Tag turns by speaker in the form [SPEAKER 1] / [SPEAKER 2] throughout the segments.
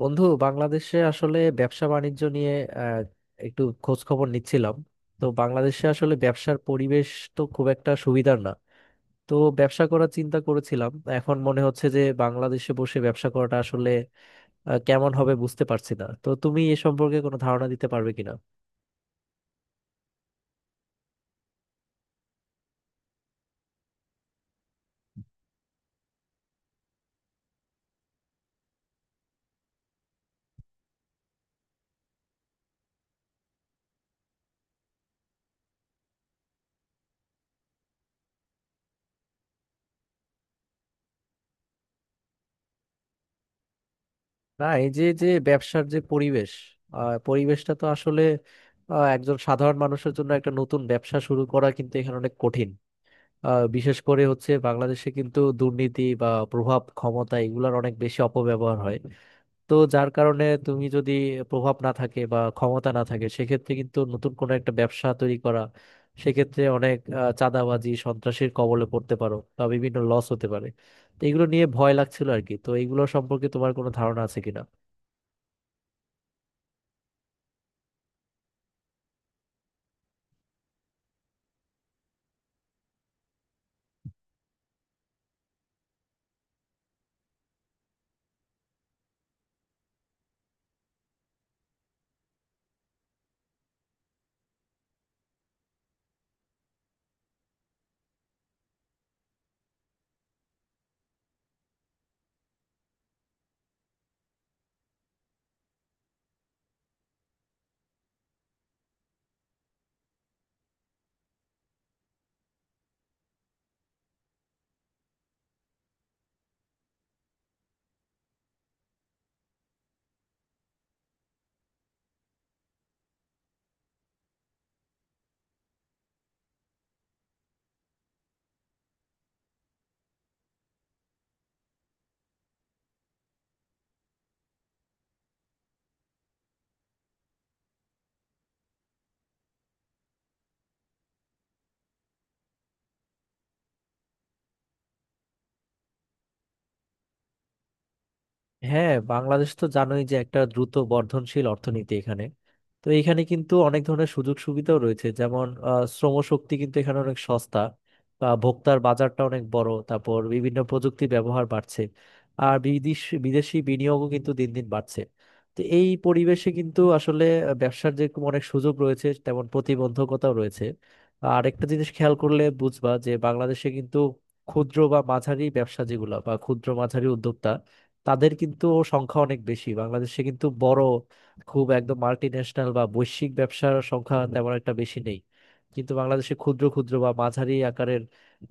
[SPEAKER 1] বন্ধু, বাংলাদেশে আসলে ব্যবসা বাণিজ্য নিয়ে আহ, একটু খোঁজ খবর নিচ্ছিলাম। তো বাংলাদেশে আসলে ব্যবসার পরিবেশ তো খুব একটা সুবিধার না। তো ব্যবসা করার চিন্তা করেছিলাম। এখন মনে হচ্ছে যে বাংলাদেশে বসে ব্যবসা করাটা আসলে কেমন হবে বুঝতে পারছি না। তো তুমি এ সম্পর্কে কোনো ধারণা দিতে পারবে কিনা? না, এই যে যে ব্যবসার যে পরিবেশ, পরিবেশটা তো আসলে একজন সাধারণ মানুষের জন্য একটা নতুন ব্যবসা শুরু করা কিন্তু এখানে অনেক কঠিন। বিশেষ করে হচ্ছে বাংলাদেশে কিন্তু দুর্নীতি বা প্রভাব ক্ষমতা এগুলোর অনেক বেশি অপব্যবহার হয়। তো যার কারণে তুমি যদি প্রভাব না থাকে বা ক্ষমতা না থাকে সেক্ষেত্রে কিন্তু নতুন কোনো একটা ব্যবসা তৈরি করা সেক্ষেত্রে অনেক চাঁদাবাজি সন্ত্রাসীর কবলে পড়তে পারো বা বিভিন্ন লস হতে পারে। তো এগুলো নিয়ে ভয় লাগছিল আর কি। তো এগুলো সম্পর্কে তোমার কোনো ধারণা আছে কিনা? হ্যাঁ, বাংলাদেশ তো জানোই যে একটা দ্রুত বর্ধনশীল অর্থনীতি এখানে। তো এখানে কিন্তু অনেক ধরনের সুযোগ সুবিধাও রয়েছে, যেমন শ্রমশক্তি কিন্তু এখানে অনেক সস্তা, বা ভোক্তার বাজারটা অনেক বড়। তারপর বিভিন্ন প্রযুক্তি ব্যবহার বাড়ছে। আর বিদেশি বিনিয়োগও কিন্তু দিন দিন বাড়ছে। তো এই পরিবেশে কিন্তু আসলে ব্যবসার যে অনেক সুযোগ রয়েছে তেমন প্রতিবন্ধকতাও রয়েছে। আর একটা জিনিস খেয়াল করলে বুঝবা যে বাংলাদেশে কিন্তু ক্ষুদ্র বা মাঝারি ব্যবসা যেগুলো বা ক্ষুদ্র মাঝারি উদ্যোক্তা তাদের কিন্তু সংখ্যা অনেক বেশি। বাংলাদেশে কিন্তু বড় খুব একদম মাল্টি ন্যাশনাল বা বৈশ্বিক ব্যবসার সংখ্যা তেমন একটা বেশি নেই, কিন্তু বাংলাদেশে ক্ষুদ্র ক্ষুদ্র বা মাঝারি আকারের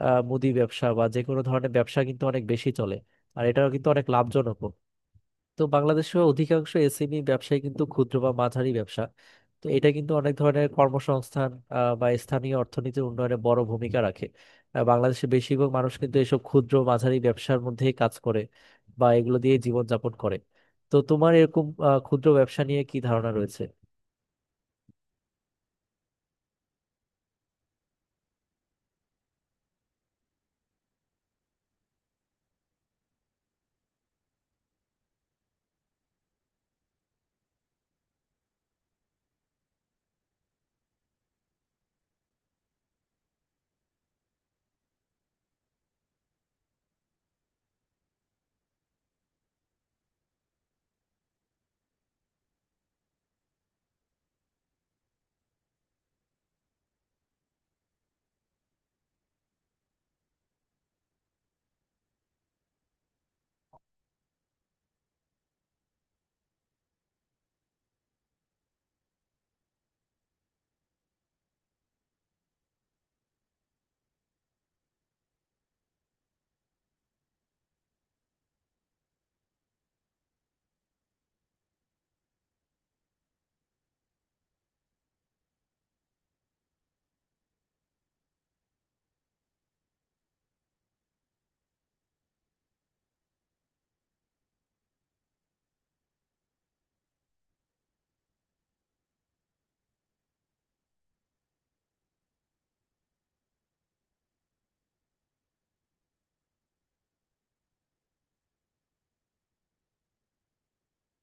[SPEAKER 1] মুদি ব্যবসা বা যে কোনো ধরনের ব্যবসা কিন্তু অনেক বেশি চলে। আর এটাও কিন্তু অনেক লাভজনক। তো বাংলাদেশেও অধিকাংশ এসএমই ব্যবসায় কিন্তু ক্ষুদ্র বা মাঝারি ব্যবসা। তো এটা কিন্তু অনেক ধরনের কর্মসংস্থান বা স্থানীয় অর্থনীতির উন্নয়নে বড় ভূমিকা রাখে। বাংলাদেশের বেশিরভাগ মানুষ কিন্তু এসব ক্ষুদ্র মাঝারি ব্যবসার মধ্যেই কাজ করে বা এগুলো দিয়ে জীবনযাপন করে। তো তোমার এরকম ক্ষুদ্র ব্যবসা নিয়ে কি ধারণা রয়েছে?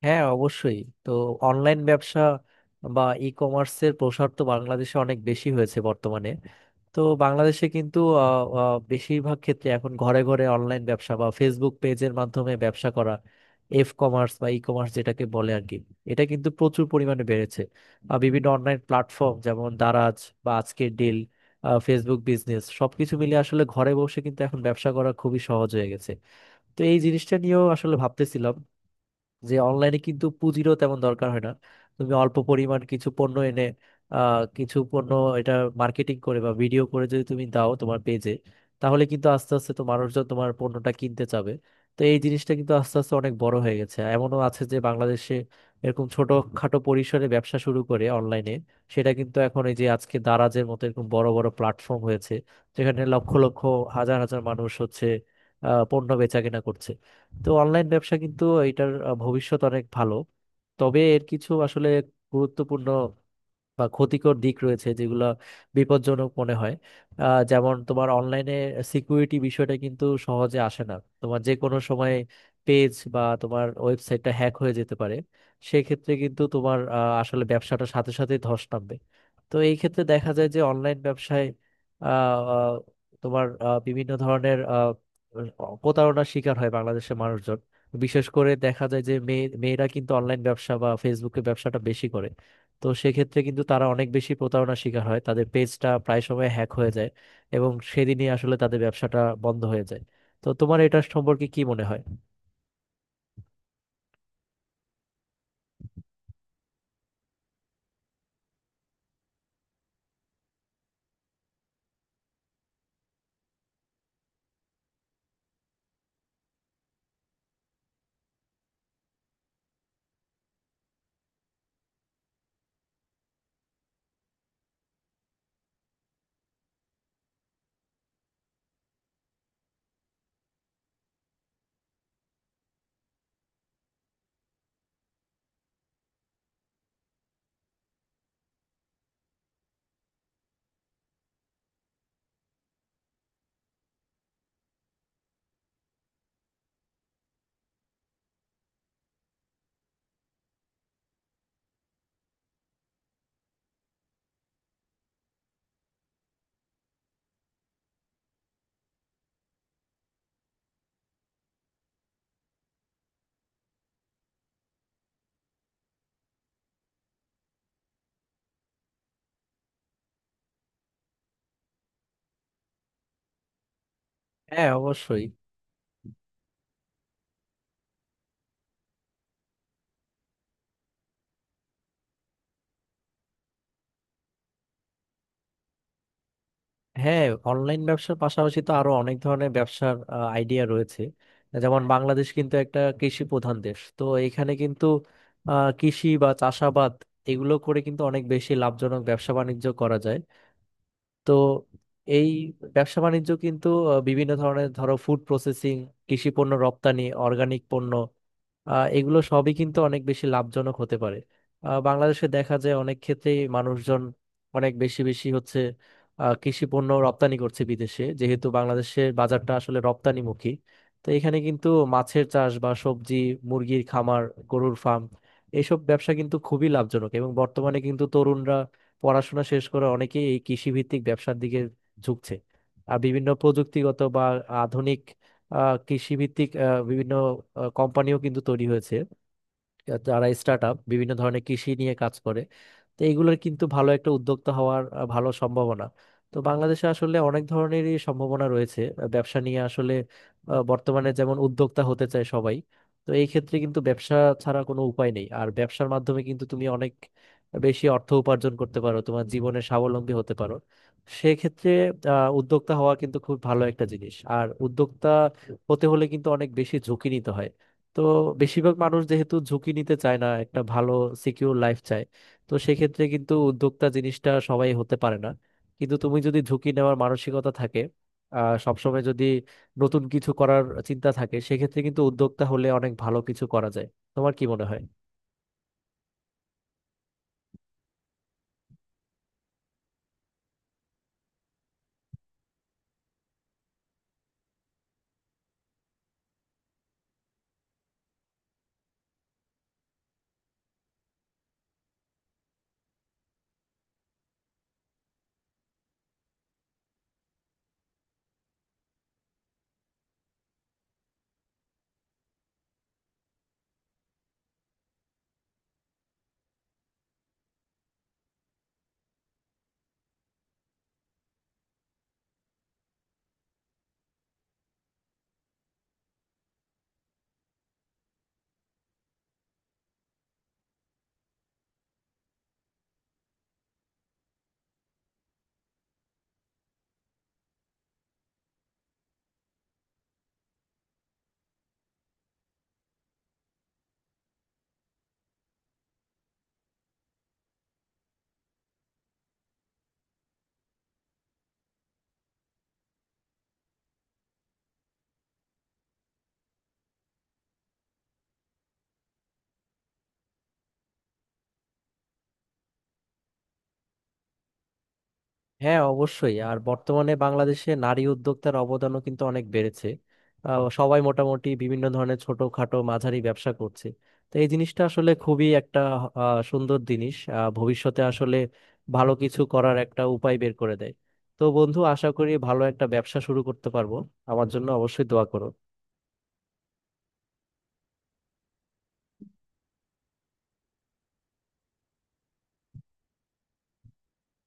[SPEAKER 1] হ্যাঁ, অবশ্যই। তো অনলাইন ব্যবসা বা ই কমার্সের প্রসার তো বাংলাদেশে অনেক বেশি হয়েছে বর্তমানে। তো বাংলাদেশে কিন্তু আহ, আহ, বেশিরভাগ ক্ষেত্রে এখন ঘরে ঘরে অনলাইন ব্যবসা বা ফেসবুক পেজের মাধ্যমে ব্যবসা করা, এফ কমার্স বা ই কমার্স যেটাকে বলে আর কি, এটা কিন্তু প্রচুর পরিমাণে বেড়েছে। বিভিন্ন অনলাইন প্ল্যাটফর্ম যেমন দারাজ বা আজকের ডিল, ফেসবুক বিজনেস সবকিছু মিলে আসলে ঘরে বসে কিন্তু এখন ব্যবসা করা খুবই সহজ হয়ে গেছে। তো এই জিনিসটা নিয়েও আসলে ভাবতেছিলাম যে অনলাইনে কিন্তু পুঁজিরও তেমন দরকার হয় না। তুমি অল্প পরিমাণ কিছু পণ্য এনে কিছু পণ্য এটা মার্কেটিং করে বা ভিডিও করে যদি তুমি দাও তোমার পেজে তাহলে কিন্তু আস্তে আস্তে তো মানুষজন তোমার পণ্যটা কিনতে চাবে। তো এই জিনিসটা কিন্তু আস্তে আস্তে অনেক বড় হয়ে গেছে। এমনও আছে যে বাংলাদেশে এরকম ছোটখাটো পরিসরে ব্যবসা শুরু করে অনলাইনে সেটা কিন্তু এখন এই যে আজকে দারাজের মতো এরকম বড় বড় প্ল্যাটফর্ম হয়েছে, যেখানে লক্ষ লক্ষ হাজার হাজার মানুষ হচ্ছে পণ্য বেচাকেনা করছে। তো অনলাইন ব্যবসা কিন্তু এটার ভবিষ্যৎ অনেক ভালো। তবে এর কিছু আসলে গুরুত্বপূর্ণ বা ক্ষতিকর দিক রয়েছে যেগুলো বিপজ্জনক মনে হয়। যেমন তোমার অনলাইনে সিকিউরিটি বিষয়টা কিন্তু সহজে আসে না। তোমার যে কোনো সময় পেজ বা তোমার ওয়েবসাইটটা হ্যাক হয়ে যেতে পারে। সেক্ষেত্রে কিন্তু তোমার আসলে ব্যবসাটা সাথে সাথে ধস নামবে। তো এই ক্ষেত্রে দেখা যায় যে অনলাইন ব্যবসায় আহ, আহ, তোমার বিভিন্ন ধরনের প্রতারণার শিকার হয় বাংলাদেশের মানুষজন। বিশেষ করে দেখা যায় যে মেয়েরা কিন্তু অনলাইন ব্যবসা বা ফেসবুকে ব্যবসাটা বেশি করে। তো সেক্ষেত্রে কিন্তু তারা অনেক বেশি প্রতারণার শিকার হয়, তাদের পেজটা প্রায় সময় হ্যাক হয়ে যায় এবং সেদিনই আসলে তাদের ব্যবসাটা বন্ধ হয়ে যায়। তো তোমার এটা সম্পর্কে কি মনে হয়? হ্যাঁ, অবশ্যই। হ্যাঁ, অনলাইন ব্যবসার পাশাপাশি তো আরো অনেক ধরনের ব্যবসার আইডিয়া রয়েছে, যেমন বাংলাদেশ কিন্তু একটা কৃষি প্রধান দেশ। তো এখানে কিন্তু কৃষি বা চাষাবাদ এগুলো করে কিন্তু অনেক বেশি লাভজনক ব্যবসা বাণিজ্য করা যায়। তো এই ব্যবসা বাণিজ্য কিন্তু বিভিন্ন ধরনের ধরো ফুড প্রসেসিং, কৃষি পণ্য রপ্তানি, অর্গানিক পণ্য, এগুলো সবই কিন্তু অনেক বেশি লাভজনক হতে পারে। বাংলাদেশে দেখা যায় অনেক ক্ষেত্রেই মানুষজন অনেক বেশি বেশি হচ্ছে কৃষি পণ্য রপ্তানি করছে বিদেশে, যেহেতু বাংলাদেশের বাজারটা আসলে রপ্তানিমুখী। তো এখানে কিন্তু মাছের চাষ বা সবজি, মুরগির খামার, গরুর ফার্ম এইসব ব্যবসা কিন্তু খুবই লাভজনক এবং বর্তমানে কিন্তু তরুণরা পড়াশোনা শেষ করে অনেকেই এই কৃষিভিত্তিক ব্যবসার দিকে ঝুঁকছে। আর বিভিন্ন প্রযুক্তিগত বা আধুনিক কৃষিভিত্তিক বিভিন্ন কোম্পানিও কিন্তু তৈরি হয়েছে, যারা স্টার্ট আপ বিভিন্ন ধরনের কৃষি নিয়ে কাজ করে। তো এগুলোর কিন্তু ভালো একটা উদ্যোক্তা হওয়ার ভালো সম্ভাবনা। তো বাংলাদেশে আসলে অনেক ধরনেরই সম্ভাবনা রয়েছে ব্যবসা নিয়ে আসলে। বর্তমানে যেমন উদ্যোক্তা হতে চায় সবাই। তো এই ক্ষেত্রে কিন্তু ব্যবসা ছাড়া কোনো উপায় নেই। আর ব্যবসার মাধ্যমে কিন্তু তুমি অনেক বেশি অর্থ উপার্জন করতে পারো, তোমার জীবনে স্বাবলম্বী হতে পারো। সেক্ষেত্রে উদ্যোক্তা হওয়া কিন্তু খুব ভালো একটা জিনিস। আর উদ্যোক্তা হতে হলে কিন্তু অনেক বেশি ঝুঁকি নিতে হয়। তো বেশিরভাগ মানুষ যেহেতু ঝুঁকি নিতে চায় না, একটা ভালো সিকিউর লাইফ চায়, তো সেক্ষেত্রে কিন্তু উদ্যোক্তা জিনিসটা সবাই হতে পারে না। কিন্তু তুমি যদি ঝুঁকি নেওয়ার মানসিকতা থাকে, সবসময় যদি নতুন কিছু করার চিন্তা থাকে সেক্ষেত্রে কিন্তু উদ্যোক্তা হলে অনেক ভালো কিছু করা যায়। তোমার কি মনে হয়? হ্যাঁ, অবশ্যই। আর বর্তমানে বাংলাদেশে নারী উদ্যোক্তার অবদানও কিন্তু অনেক বেড়েছে। সবাই মোটামুটি বিভিন্ন ধরনের ছোটখাটো মাঝারি ব্যবসা করছে। তো এই জিনিসটা আসলে খুবই একটা সুন্দর জিনিস। ভবিষ্যতে আসলে ভালো কিছু করার একটা উপায় বের করে দেয়। তো বন্ধু, আশা করি ভালো একটা ব্যবসা শুরু করতে পারবো। আমার জন্য অবশ্যই দোয়া করো।